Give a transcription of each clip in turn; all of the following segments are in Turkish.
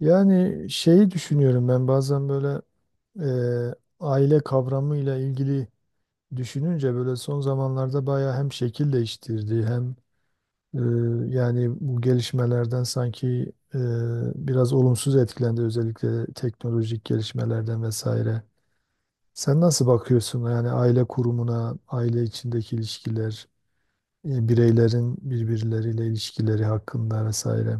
Yani şeyi düşünüyorum ben bazen böyle e, aile kavramıyla ilgili düşününce böyle son zamanlarda bayağı hem şekil değiştirdi hem e, yani bu gelişmelerden sanki biraz olumsuz etkilendi özellikle teknolojik gelişmelerden vesaire. Sen nasıl bakıyorsun yani aile kurumuna, aile içindeki ilişkiler, bireylerin birbirleriyle ilişkileri hakkında vesaire?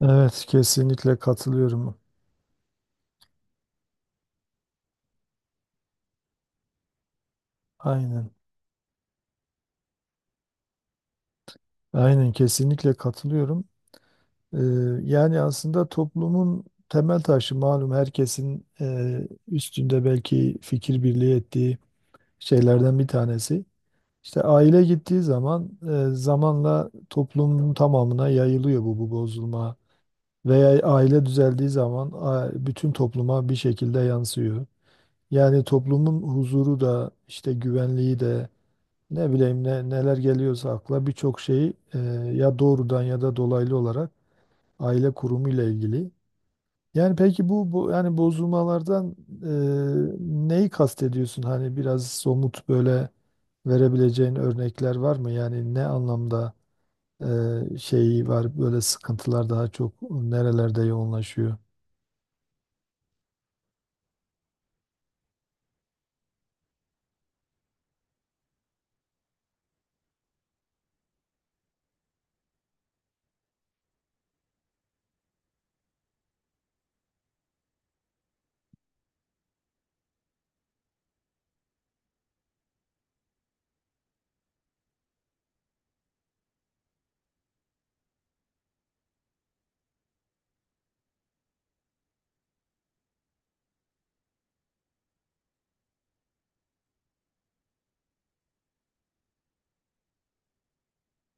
Evet, kesinlikle katılıyorum. Aynen. Aynen kesinlikle katılıyorum. Ee, yani aslında toplumun temel taşı malum herkesin üstünde belki fikir birliği ettiği şeylerden bir tanesi. İşte aile gittiği zaman zamanla toplumun tamamına yayılıyor bu bozulma. Veya aile düzeldiği zaman bütün topluma bir şekilde yansıyor. Yani toplumun huzuru da işte güvenliği de ne bileyim neler geliyorsa akla birçok şeyi ya doğrudan ya da dolaylı olarak aile kurumu ile ilgili. Yani peki bu yani bozulmalardan e, neyi kastediyorsun? Hani biraz somut böyle verebileceğin örnekler var mı? Yani ne anlamda şeyi var böyle sıkıntılar daha çok nerelerde yoğunlaşıyor?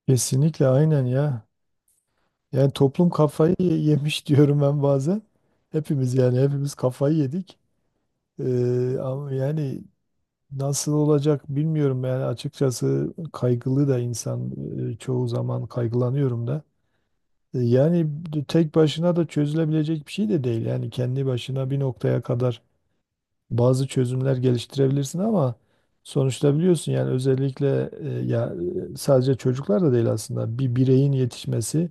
Kesinlikle aynen ya. Yani toplum kafayı yemiş diyorum ben bazen. Hepimiz yani hepimiz kafayı yedik. Ama yani. Nasıl olacak bilmiyorum yani açıkçası kaygılı da insan çoğu zaman kaygılanıyorum da. Yani tek başına da çözülebilecek bir şey de değil. Yani kendi başına bir noktaya kadar bazı çözümler geliştirebilirsin ama sonuçta biliyorsun yani özellikle ya sadece çocuklar da değil aslında bir bireyin yetişmesi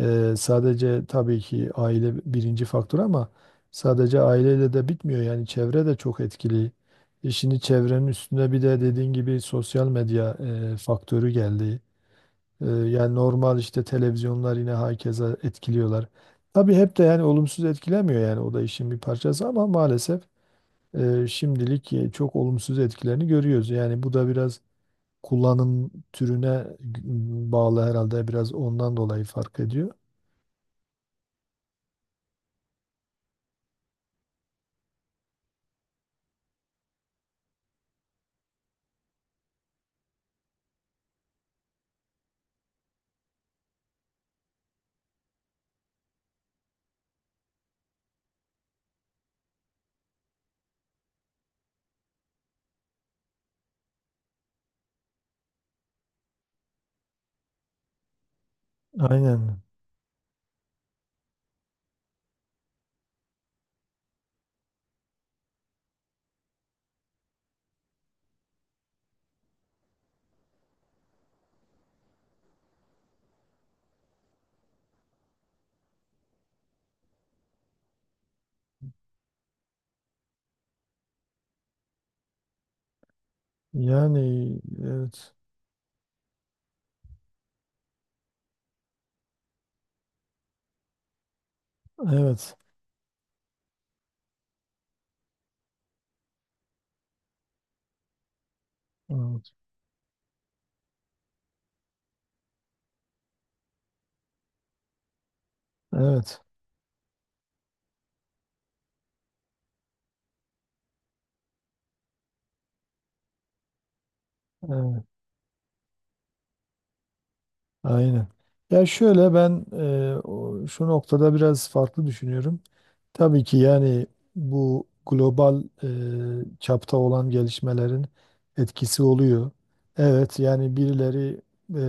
sadece tabii ki aile birinci faktör ama sadece aileyle de bitmiyor. Yani çevre de çok etkili. Şimdi çevrenin üstüne bir de dediğin gibi sosyal medya faktörü geldi. Yani normal işte televizyonlar yine herkese etkiliyorlar. Tabii hep de yani olumsuz etkilemiyor yani o da işin bir parçası ama maalesef şimdilik çok olumsuz etkilerini görüyoruz. Yani bu da biraz kullanım türüne bağlı herhalde biraz ondan dolayı fark ediyor. Aynen. Yani evet. Evet. Evet. Evet. Evet. Aynen. Ya şöyle ben şu noktada biraz farklı düşünüyorum. Tabii ki yani bu global çapta olan gelişmelerin etkisi oluyor. Evet, yani birileri e,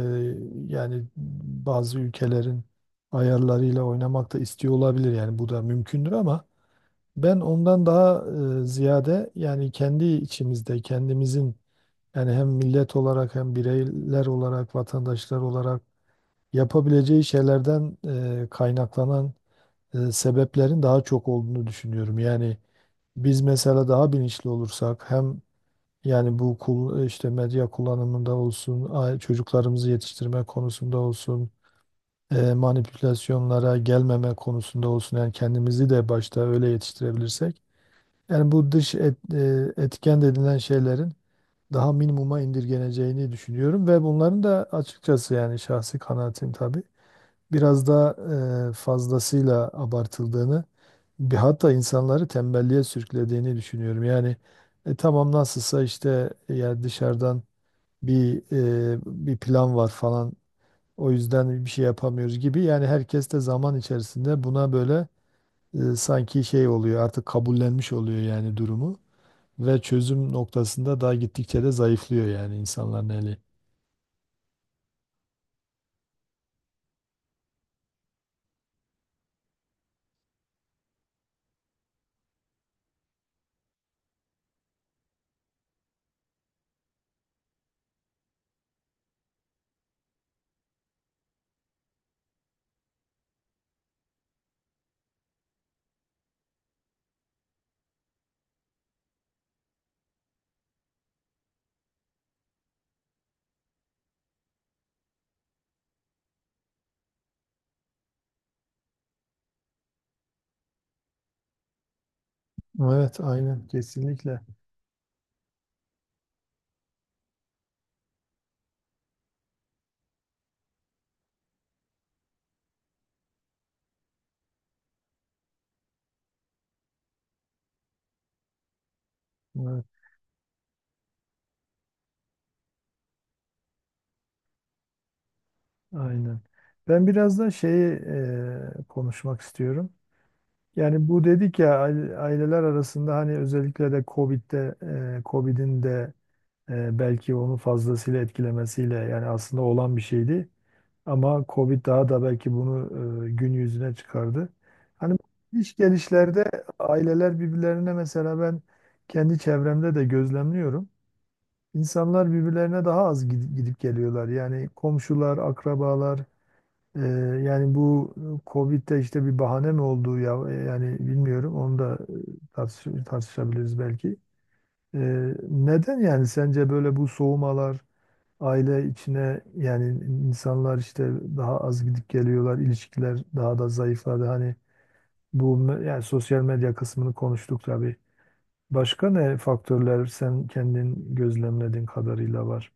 yani bazı ülkelerin ayarlarıyla oynamak da istiyor olabilir. Yani bu da mümkündür ama ben ondan daha ziyade yani kendi içimizde kendimizin, yani hem millet olarak hem bireyler olarak, vatandaşlar olarak yapabileceği şeylerden kaynaklanan sebeplerin daha çok olduğunu düşünüyorum. Yani biz mesela daha bilinçli olursak hem yani işte medya kullanımında olsun, çocuklarımızı yetiştirme konusunda olsun, manipülasyonlara gelmeme konusunda olsun yani kendimizi de başta öyle yetiştirebilirsek yani bu etken denilen şeylerin daha minimuma indirgeneceğini düşünüyorum ve bunların da açıkçası yani şahsi kanaatim tabii biraz daha fazlasıyla abartıldığını bir hatta insanları tembelliğe sürüklediğini düşünüyorum. Yani tamam nasılsa işte yani dışarıdan bir bir plan var falan, o yüzden bir şey yapamıyoruz gibi yani herkes de zaman içerisinde buna böyle sanki şey oluyor artık kabullenmiş oluyor yani durumu. Ve çözüm noktasında daha gittikçe de zayıflıyor yani insanların eli. Evet, aynen, kesinlikle. Evet, aynen. Ben biraz da şeyi konuşmak istiyorum. Yani bu dedik ya aileler arasında hani özellikle de Covid'de, Covid'in de belki onu fazlasıyla etkilemesiyle yani aslında olan bir şeydi. Ama Covid daha da belki bunu gün yüzüne çıkardı. Hani iş gelişlerde aileler birbirlerine, mesela ben kendi çevremde de gözlemliyorum. İnsanlar birbirlerine daha az gidip geliyorlar. Yani komşular, akrabalar e, yani bu Covid'de işte bir bahane mi olduğu ya yani bilmiyorum. Onu da tartışabiliriz belki. E, Neden yani sence böyle bu soğumalar aile içine, yani insanlar işte daha az gidip geliyorlar, ilişkiler daha da zayıfladı. Hani yani sosyal medya kısmını konuştuk tabii. Başka ne faktörler sen kendin gözlemlediğin kadarıyla var?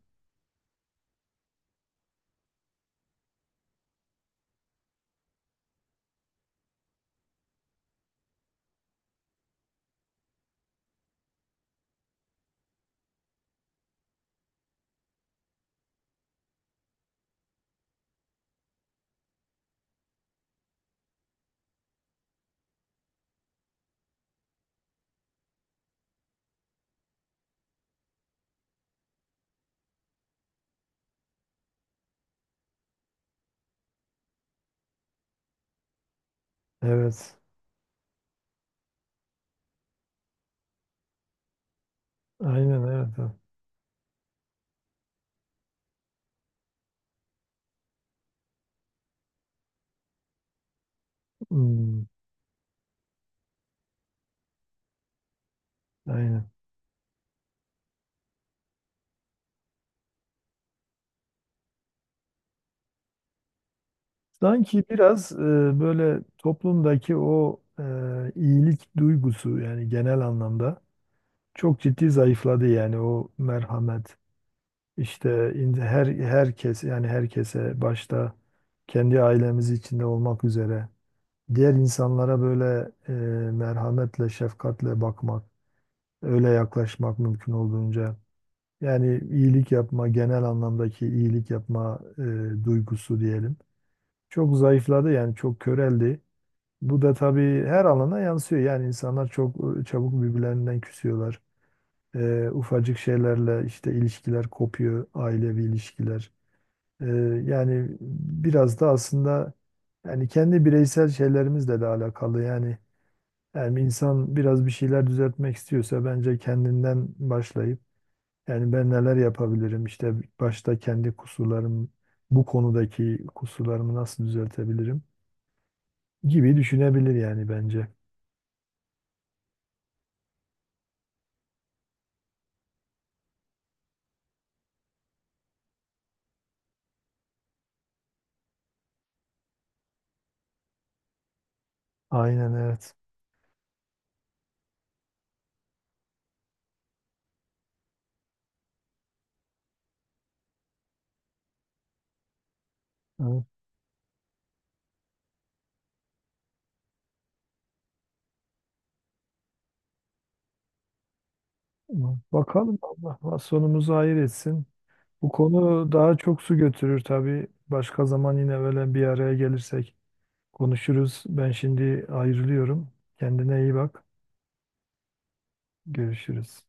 Evet. Aynen, evet. Evet. Hmm, aynen. Sanki biraz böyle toplumdaki o iyilik duygusu yani genel anlamda çok ciddi zayıfladı, yani o merhamet. İşte herkes, yani herkese, başta kendi ailemiz içinde olmak üzere diğer insanlara böyle merhametle, şefkatle bakmak, öyle yaklaşmak mümkün olduğunca, yani iyilik yapma, genel anlamdaki iyilik yapma duygusu diyelim. Çok zayıfladı, yani çok köreldi. Bu da tabii her alana yansıyor. Yani insanlar çok çabuk birbirlerinden küsüyorlar. Ufacık şeylerle işte ilişkiler kopuyor, ailevi ilişkiler. Ee, yani biraz da aslında yani kendi bireysel şeylerimizle de alakalı. Yani insan biraz bir şeyler düzeltmek istiyorsa bence kendinden başlayıp yani ben neler yapabilirim, işte başta kendi kusurlarım, bu konudaki kusurlarımı nasıl düzeltebilirim gibi düşünebilir yani bence. Aynen evet. Evet. Bakalım, Allah Allah sonumuzu hayır etsin. Bu konu daha çok su götürür tabii. Başka zaman yine böyle bir araya gelirsek konuşuruz. Ben şimdi ayrılıyorum. Kendine iyi bak. Görüşürüz.